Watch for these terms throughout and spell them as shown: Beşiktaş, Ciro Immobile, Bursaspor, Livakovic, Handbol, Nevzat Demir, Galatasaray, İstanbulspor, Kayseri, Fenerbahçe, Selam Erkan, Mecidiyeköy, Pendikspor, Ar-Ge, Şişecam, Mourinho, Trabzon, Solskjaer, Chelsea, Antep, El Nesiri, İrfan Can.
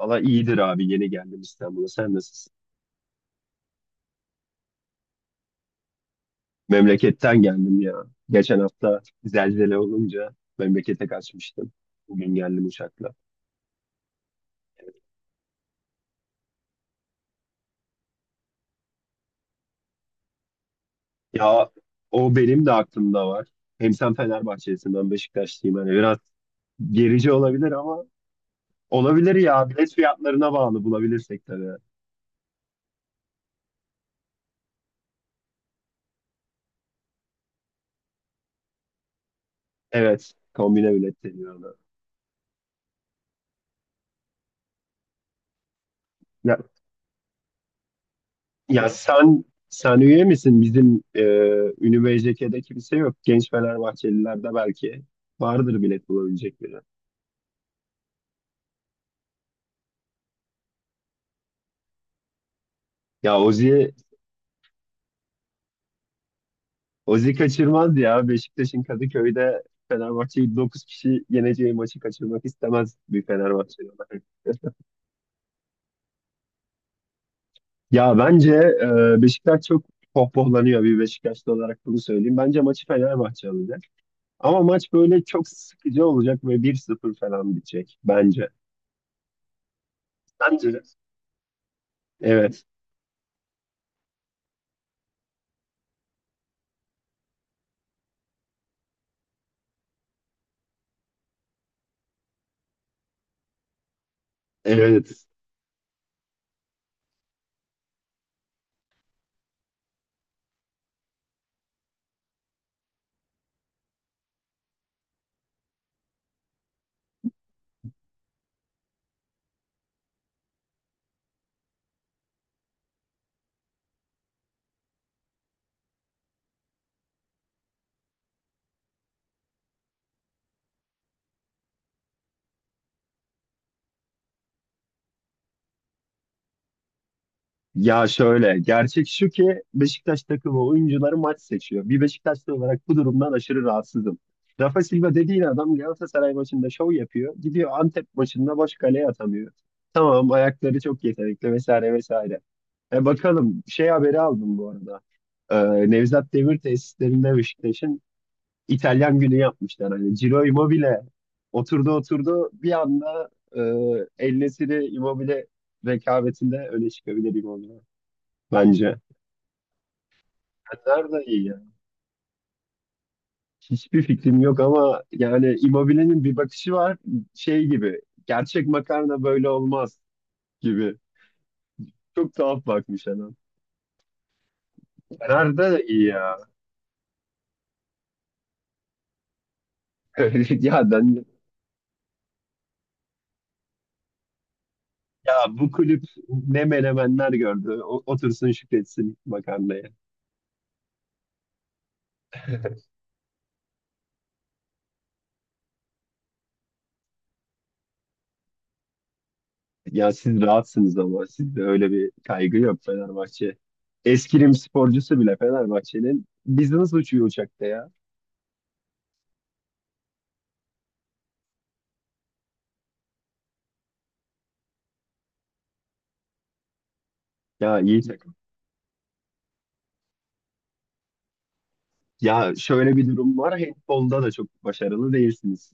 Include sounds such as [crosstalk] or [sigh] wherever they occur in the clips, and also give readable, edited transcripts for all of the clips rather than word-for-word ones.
Valla iyidir abi yeni geldim İstanbul'a. Sen nasılsın? Memleketten geldim ya. Geçen hafta zelzele olunca memlekete kaçmıştım. Bugün geldim uçakla. Ya o benim de aklımda var. Hem sen Fenerbahçelisin ben Beşiktaşlıyım. Hani biraz gerici olabilir ama olabilir ya. Bilet fiyatlarına bağlı bulabilirsek tabii. Evet kombine bilet deniyor ona. Ya sen üye misin? Bizim Ünlü BJK'de kimse yok. Genç Fenerbahçelilerde belki vardır bilet bulabilecek biri. Ya Ozi, Ozi kaçırmaz ya. Beşiktaş'ın Kadıköy'de Fenerbahçe'yi 9 kişi yeneceği maçı kaçırmak istemez bir Fenerbahçeli olarak. Ya bence Beşiktaş çok pohpohlanıyor, bir Beşiktaşlı olarak bunu söyleyeyim. Bence maçı Fenerbahçe alacak. Ama maç böyle çok sıkıcı olacak ve bir sıfır falan bitecek bence. Bence. Evet. Evet. Ya şöyle, gerçek şu ki Beşiktaş takımı oyuncuları maç seçiyor. Bir Beşiktaşlı olarak bu durumdan aşırı rahatsızım. Rafa Silva dediğin adam Galatasaray maçında şov yapıyor. Gidiyor Antep maçında boş kaleye atamıyor. Tamam, ayakları çok yetenekli vesaire vesaire. E bakalım, şey haberi aldım bu arada. Nevzat Demir tesislerinde Beşiktaş'ın İtalyan günü yapmışlar. Hani Ciro Immobile oturdu oturdu bir anda, e, El Nesiri Immobile rekabetinde öne çıkabilir Immobile bence. Fener de iyi ya. Hiçbir fikrim yok ama yani Immobile'nin bir bakışı var şey gibi. Gerçek makarna böyle olmaz gibi. Çok tuhaf bakmış adam. Fener de iyi ya. [laughs] Ya ben, ya bu kulüp ne menemenler gördü. Otursun şükretsin makarnaya. Ya siz rahatsınız ama sizde öyle bir kaygı yok Fenerbahçe. Eskirim sporcusu bile Fenerbahçe'nin biz nasıl uçuyor uçakta ya? Ya iyi, ya şöyle bir durum var. Handbolda da çok başarılı değilsiniz.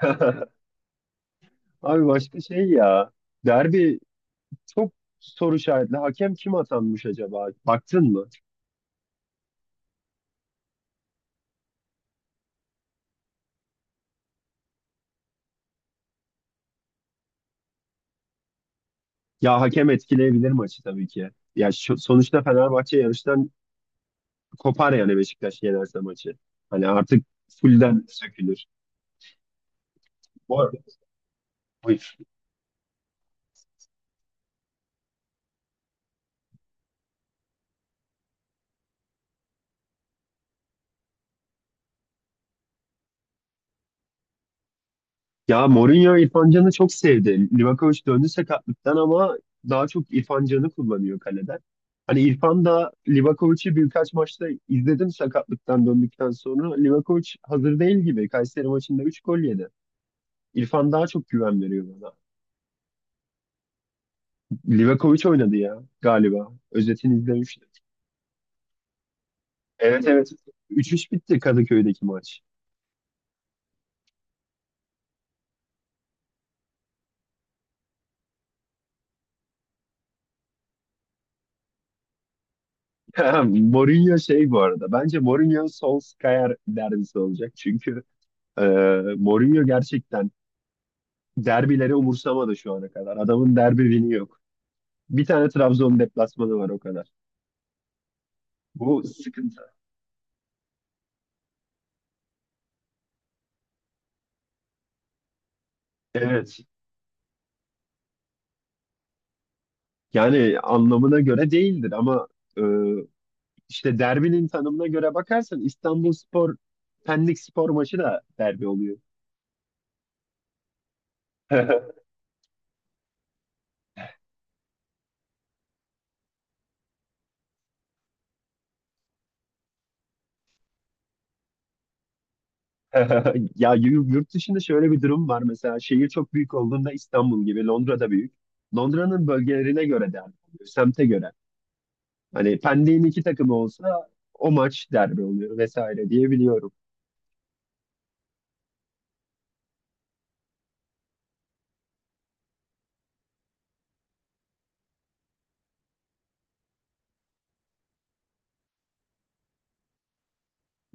[laughs] Abi başka şey ya. Derbi çok soru işaretli. Hakem kim atanmış acaba? Baktın mı? Ya hakem etkileyebilir maçı tabii ki. Sonuçta Fenerbahçe yarıştan kopar yani Beşiktaş yenerse maçı. Hani artık fullden sökülür. Bu arada. Buyur. Ya Mourinho İrfan Can'ı çok sevdi. Livakovic döndü sakatlıktan ama daha çok İrfan Can'ı kullanıyor kaleden. Hani İrfan da Livakovic'i birkaç maçta izledim sakatlıktan döndükten sonra. Livakovic hazır değil gibi. Kayseri maçında 3 gol yedi. İrfan daha çok güven veriyor bana. Livakovic oynadı ya galiba. Özetini izlemiştim. Evet, evet. 3-3 bitti Kadıköy'deki maç. [laughs] Mourinho şey bu arada. Bence Mourinho Solskjaer derbisi olacak. Çünkü ee, Mourinho gerçekten derbileri umursamadı şu ana kadar. Adamın derbi win'i yok. Bir tane Trabzon deplasmanı var o kadar. Bu sıkıntı. Evet. Yani anlamına göre değildir ama e, işte derbinin tanımına göre bakarsan İstanbulspor Pendikspor maçı da derbi oluyor. [laughs] Yurt dışında şöyle bir durum var. Mesela şehir çok büyük olduğunda İstanbul gibi Londra'da büyük. Londra'nın bölgelerine göre derbi oluyor. Semte göre. Hani Pendik'in iki takımı olsa o maç derbi oluyor vesaire diye biliyorum.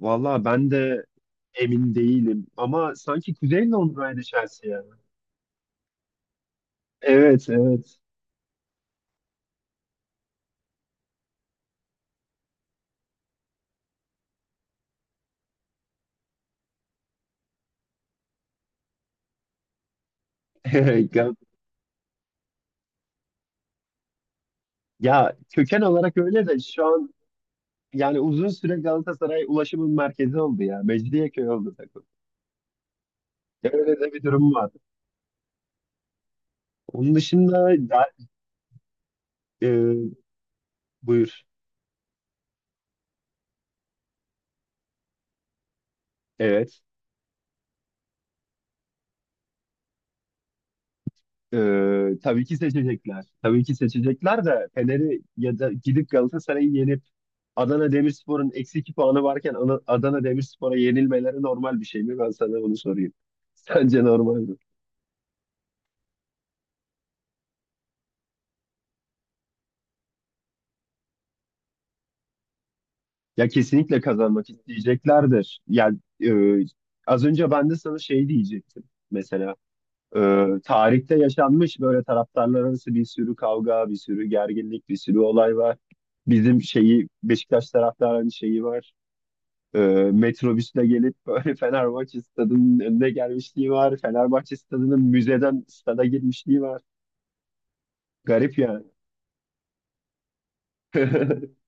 Valla ben de emin değilim ama sanki Kuzey Londra'ydı Chelsea yani. Evet, evet. [laughs] Gal-, ya köken olarak öyle de şu an yani uzun süre Galatasaray ulaşımın merkezi oldu ya. Mecidiyeköy oldu takım. Öyle de bir durum var. Onun dışında da- e, buyur. Evet. Tabii ki seçecekler. Tabii ki seçecekler de Fener'i, ya da gidip Galatasaray'ı yenip Adana Demirspor'un eksi 2 puanı varken Adana Demirspor'a yenilmeleri normal bir şey mi? Ben sana bunu sorayım. [laughs] Sence normal mi? Ya kesinlikle kazanmak isteyeceklerdir. Yani az önce ben de sana şey diyecektim. Mesela e, tarihte yaşanmış böyle taraftarlar arası bir sürü kavga, bir sürü gerginlik, bir sürü olay var. Bizim şeyi Beşiktaş taraftarının şeyi var. E, metrobüsle gelip böyle [laughs] Fenerbahçe stadının önüne gelmişliği var. Fenerbahçe stadının müzeden stada girmişliği var. Garip yani. [laughs]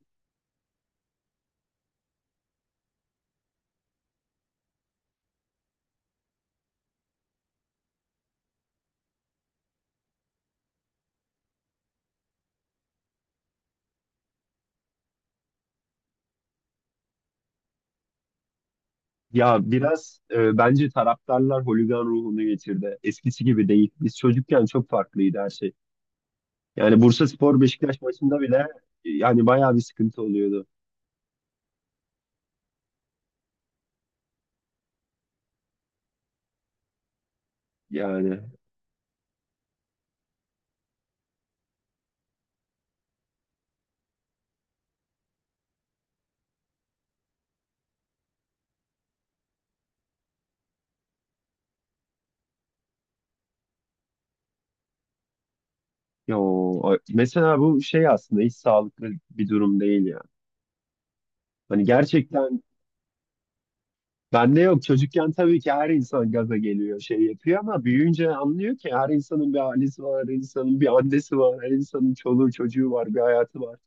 Ya biraz bence taraftarlar holigan ruhunu getirdi. Eskisi gibi değil. Biz çocukken çok farklıydı her şey. Yani Bursaspor Beşiktaş maçında bile yani bayağı bir sıkıntı oluyordu. Yani mesela bu şey aslında hiç sağlıklı bir durum değil ya. Hani gerçekten bende yok. Çocukken tabii ki her insan gaza geliyor, şey yapıyor ama büyüyünce anlıyor ki her insanın bir ailesi var, her insanın bir annesi var, her insanın çoluğu çocuğu var, bir hayatı var.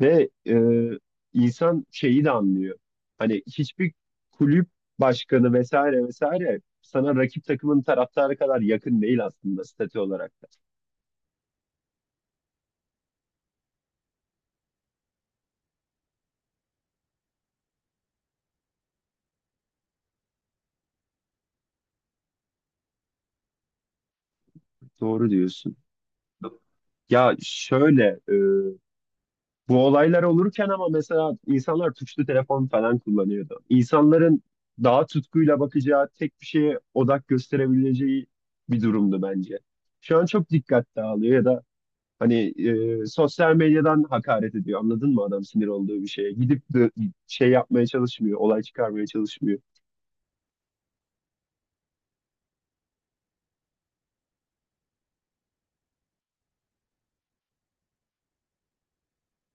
Ve insan şeyi de anlıyor. Hani hiçbir kulüp başkanı vesaire vesaire sana rakip takımın taraftarı kadar yakın değil aslında statü olarak da. Doğru diyorsun. Ya şöyle bu olaylar olurken ama mesela insanlar tuşlu telefon falan kullanıyordu. İnsanların daha tutkuyla bakacağı, tek bir şeye odak gösterebileceği bir durumdu bence. Şu an çok dikkat dağılıyor ya da hani sosyal medyadan hakaret ediyor. Anladın mı adam sinir olduğu bir şeye? Gidip de şey yapmaya çalışmıyor, olay çıkarmaya çalışmıyor.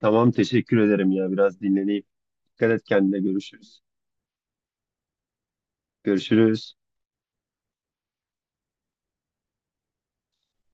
Tamam teşekkür ederim ya, biraz dinleneyim. Dikkat et kendine, görüşürüz. Görüşürüz.